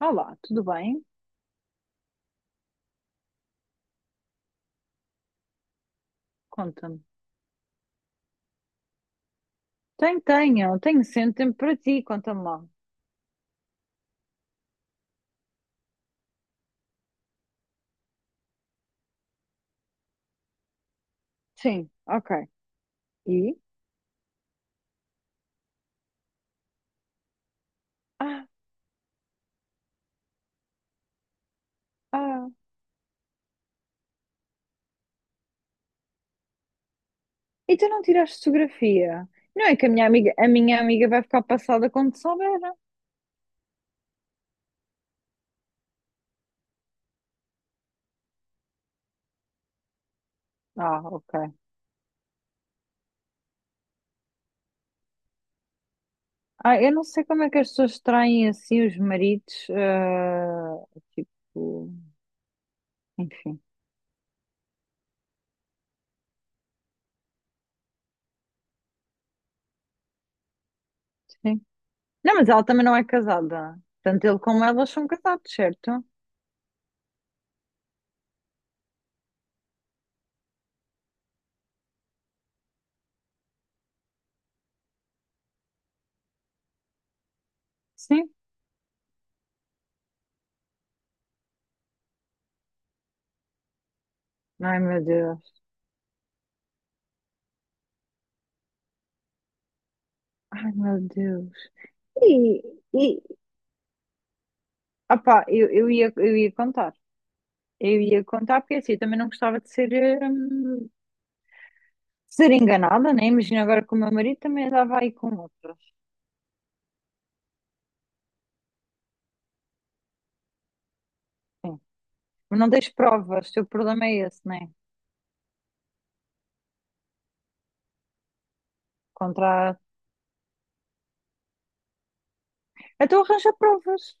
Olá, tudo bem? Conta-me. Tenho sempre tempo para ti, conta-me lá. Sim, ok. E? Ah, ah, e tu não tiraste fotografia? Não é que a minha amiga vai ficar passada quando souber. Ah, ok. Eu não sei como é que as pessoas traem assim os maridos, tipo, enfim, sim. Não, mas ela também não é casada. Tanto ele como ela são casados, certo? Sim. Ai, meu Deus. Ai, meu Deus. E, e, eu ia contar. Eu ia contar porque assim, eu também não gostava de ser, hum, ser enganada, né? Imagina agora que o meu marido também andava aí com outras. Sim. Mas não tens provas, o teu problema é esse, né? Contra... Então arranja provas.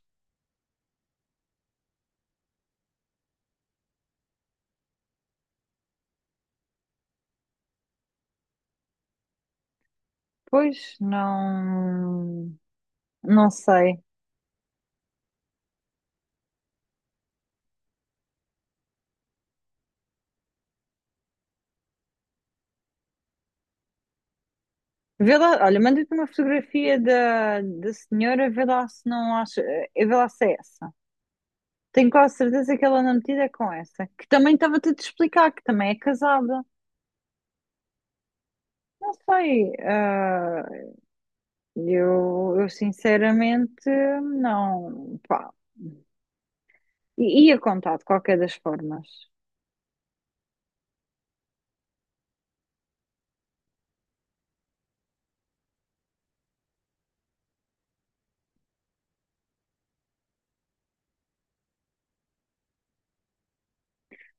Pois, não... Não sei. Vê lá, olha, manda-te uma fotografia da senhora, vê lá se não acha... Vê lá se é essa. Tenho quase certeza que ela anda metida é com essa. Que também estava-te a te explicar, que também é casada. Não sei. Eu sinceramente não, pá, ia contar de qualquer das formas.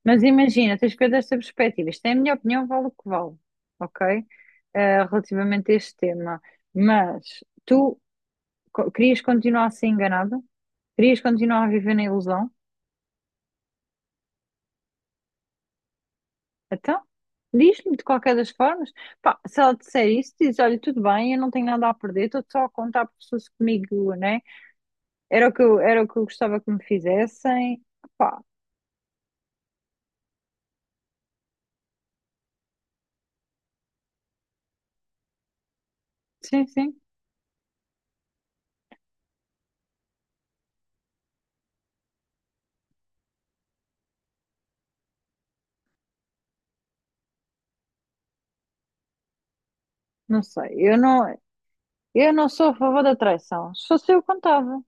Mas imagina, tens que ver desta perspectiva. Isto é a minha opinião, vale o que vale, ok? Relativamente a este tema. Mas tu querias continuar a ser enganada? Querias continuar a viver na ilusão? Então, diz-me de qualquer das formas. Pá, se ela disser isso, diz, olha, tudo bem, eu não tenho nada a perder, estou só a contar pessoas comigo, né? Era o que eu gostava que me fizessem. Pá, sim, sim, não sei. Eu não sou a favor da traição. Só se fosse eu, contava.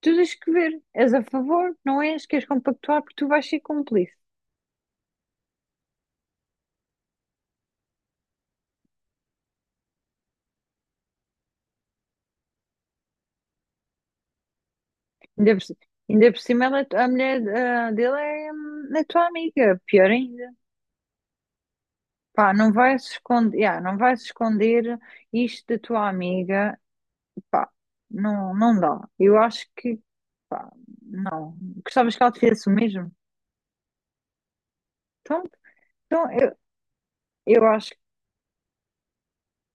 Tu tens que ver. És a favor, não és? Queres compactuar porque tu vais ser cúmplice. Ainda por, ci- ainda por cima, ela é a mulher dele é, é tua amiga. Pior ainda. Pá, não vai se esconder, yeah, não vai se esconder isto da tua amiga. Pá, não, não dá. Eu acho que, pá, não. Gostavas que ela te fizesse o mesmo? Então, então, Eu acho,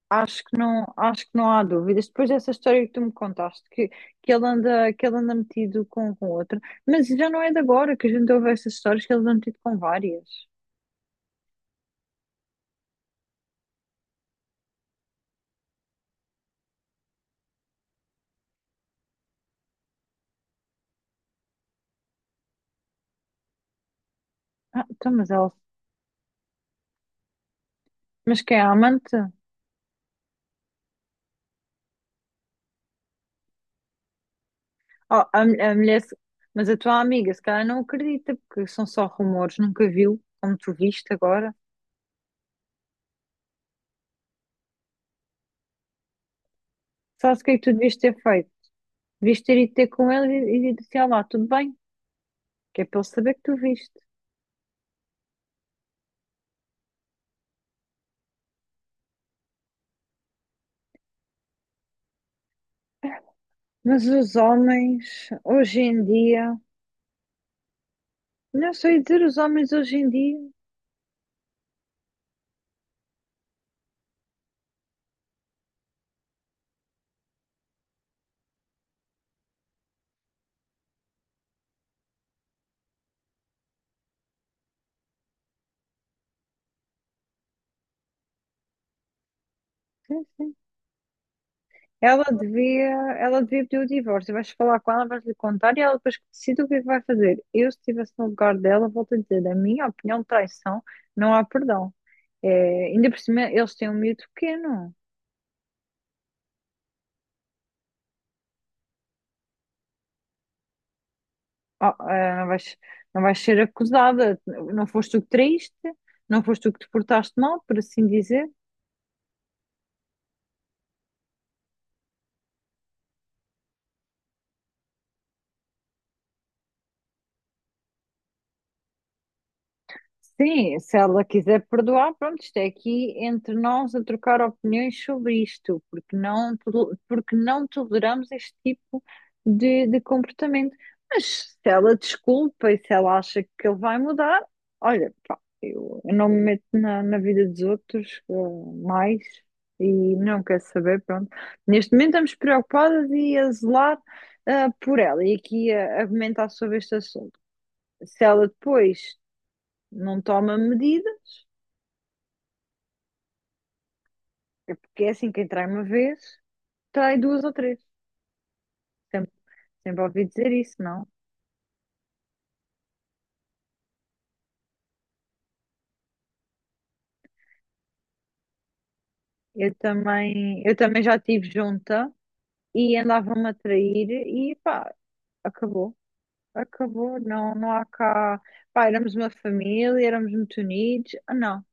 acho que não há dúvidas. Depois dessa história que tu me contaste, que ele anda metido com outra, mas já não é de agora que a gente ouve essas histórias que ele anda metido com várias. Ah, então, mas ela, mas quem é a amante? Ah, a mulher, mas a tua amiga, se calhar não acredita, porque são só rumores, nunca viu, como tu viste agora. Sabes o que é que tu devias ter feito? Devias ter ido ter com ele e disse, ah lá, tudo bem, que é para ele saber que tu viste. Mas os homens, hoje em dia. Não sei dizer os homens hoje em dia. Sim, sim. Ela devia, ela devia pedir o divórcio. Vais falar com ela, vais-lhe contar e ela depois que decide o que é que vai fazer. Eu, se estivesse no lugar dela, volto a dizer, na minha opinião, traição, não há perdão. É, ainda por cima, eles têm um miúdo pequeno. Ah, ah, não vais, não vais ser acusada. Não foste tu que traíste, não foste tu que te portaste mal, por assim dizer. Sim, se ela quiser perdoar, pronto, isto é aqui entre nós a trocar opiniões sobre isto, porque porque não toleramos este tipo de comportamento. Mas se ela desculpa e se ela acha que ele vai mudar, olha, pá, eu não me meto na vida dos outros, mais e não quero saber, pronto. Neste momento estamos preocupadas e a zelar, por ela e aqui a comentar sobre este assunto. Se ela depois não toma medida, porque é assim, quem trai uma vez, trai duas ou três. Sempre, sempre ouvi dizer isso, não? Eu também já estive junta e andava-me a trair e pá, acabou. Acabou, não, não há cá. Pá, éramos uma família, éramos muito unidos. Ah, não,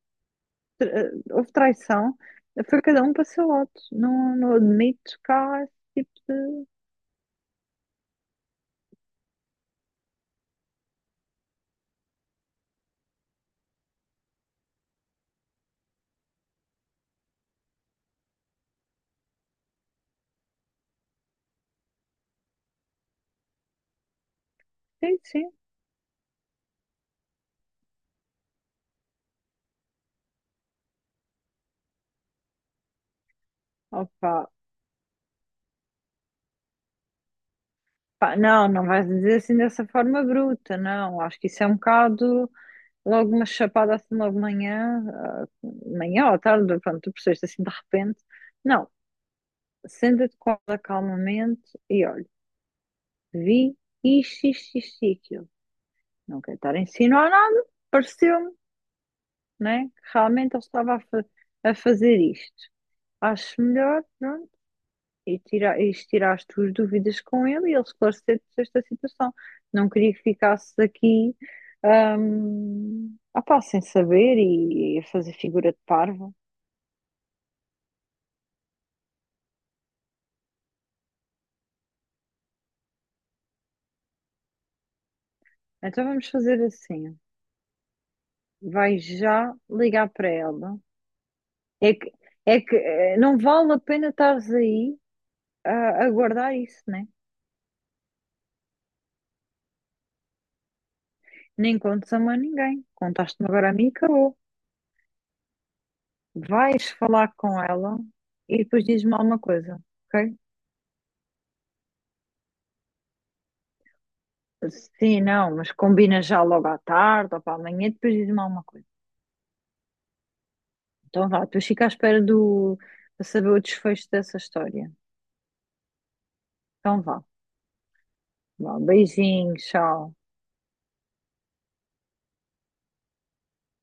houve traição, foi cada um para o seu lado. Não, não admito cá esse tipo de. Sim, sim. Opa, pá, não, não vais dizer assim dessa forma bruta, não. Acho que isso é um bocado. Logo uma chapada assim logo de manhã, manhã ou à tarde, pronto, tu percebeste assim de repente. Não, senta-te com ela calmamente e olha, vi isto, isto, isto e aquilo. Não quero estar a insinuar nada, pareceu-me, né? Que realmente ele estava a fazer isto. Acho melhor, pronto, e tirar as tuas dúvidas com ele e ele esclarecer-te esta situação. Não queria que ficasses aqui. Sem saber e a fazer figura de parvo. Então vamos fazer assim. Vai já ligar para ela. É que, é que não vale a pena estares aí a guardar isso, né? Nem contes a mais ninguém. Contaste-me agora a mim e acabou. Vais falar com ela e depois dizes-me alguma coisa, ok? Sim, não, mas combina já logo à tarde ou para amanhã e depois diz-me alguma coisa. Então vá, depois fica à espera do, para saber o desfecho dessa história. Então vá. Vá, beijinho, tchau.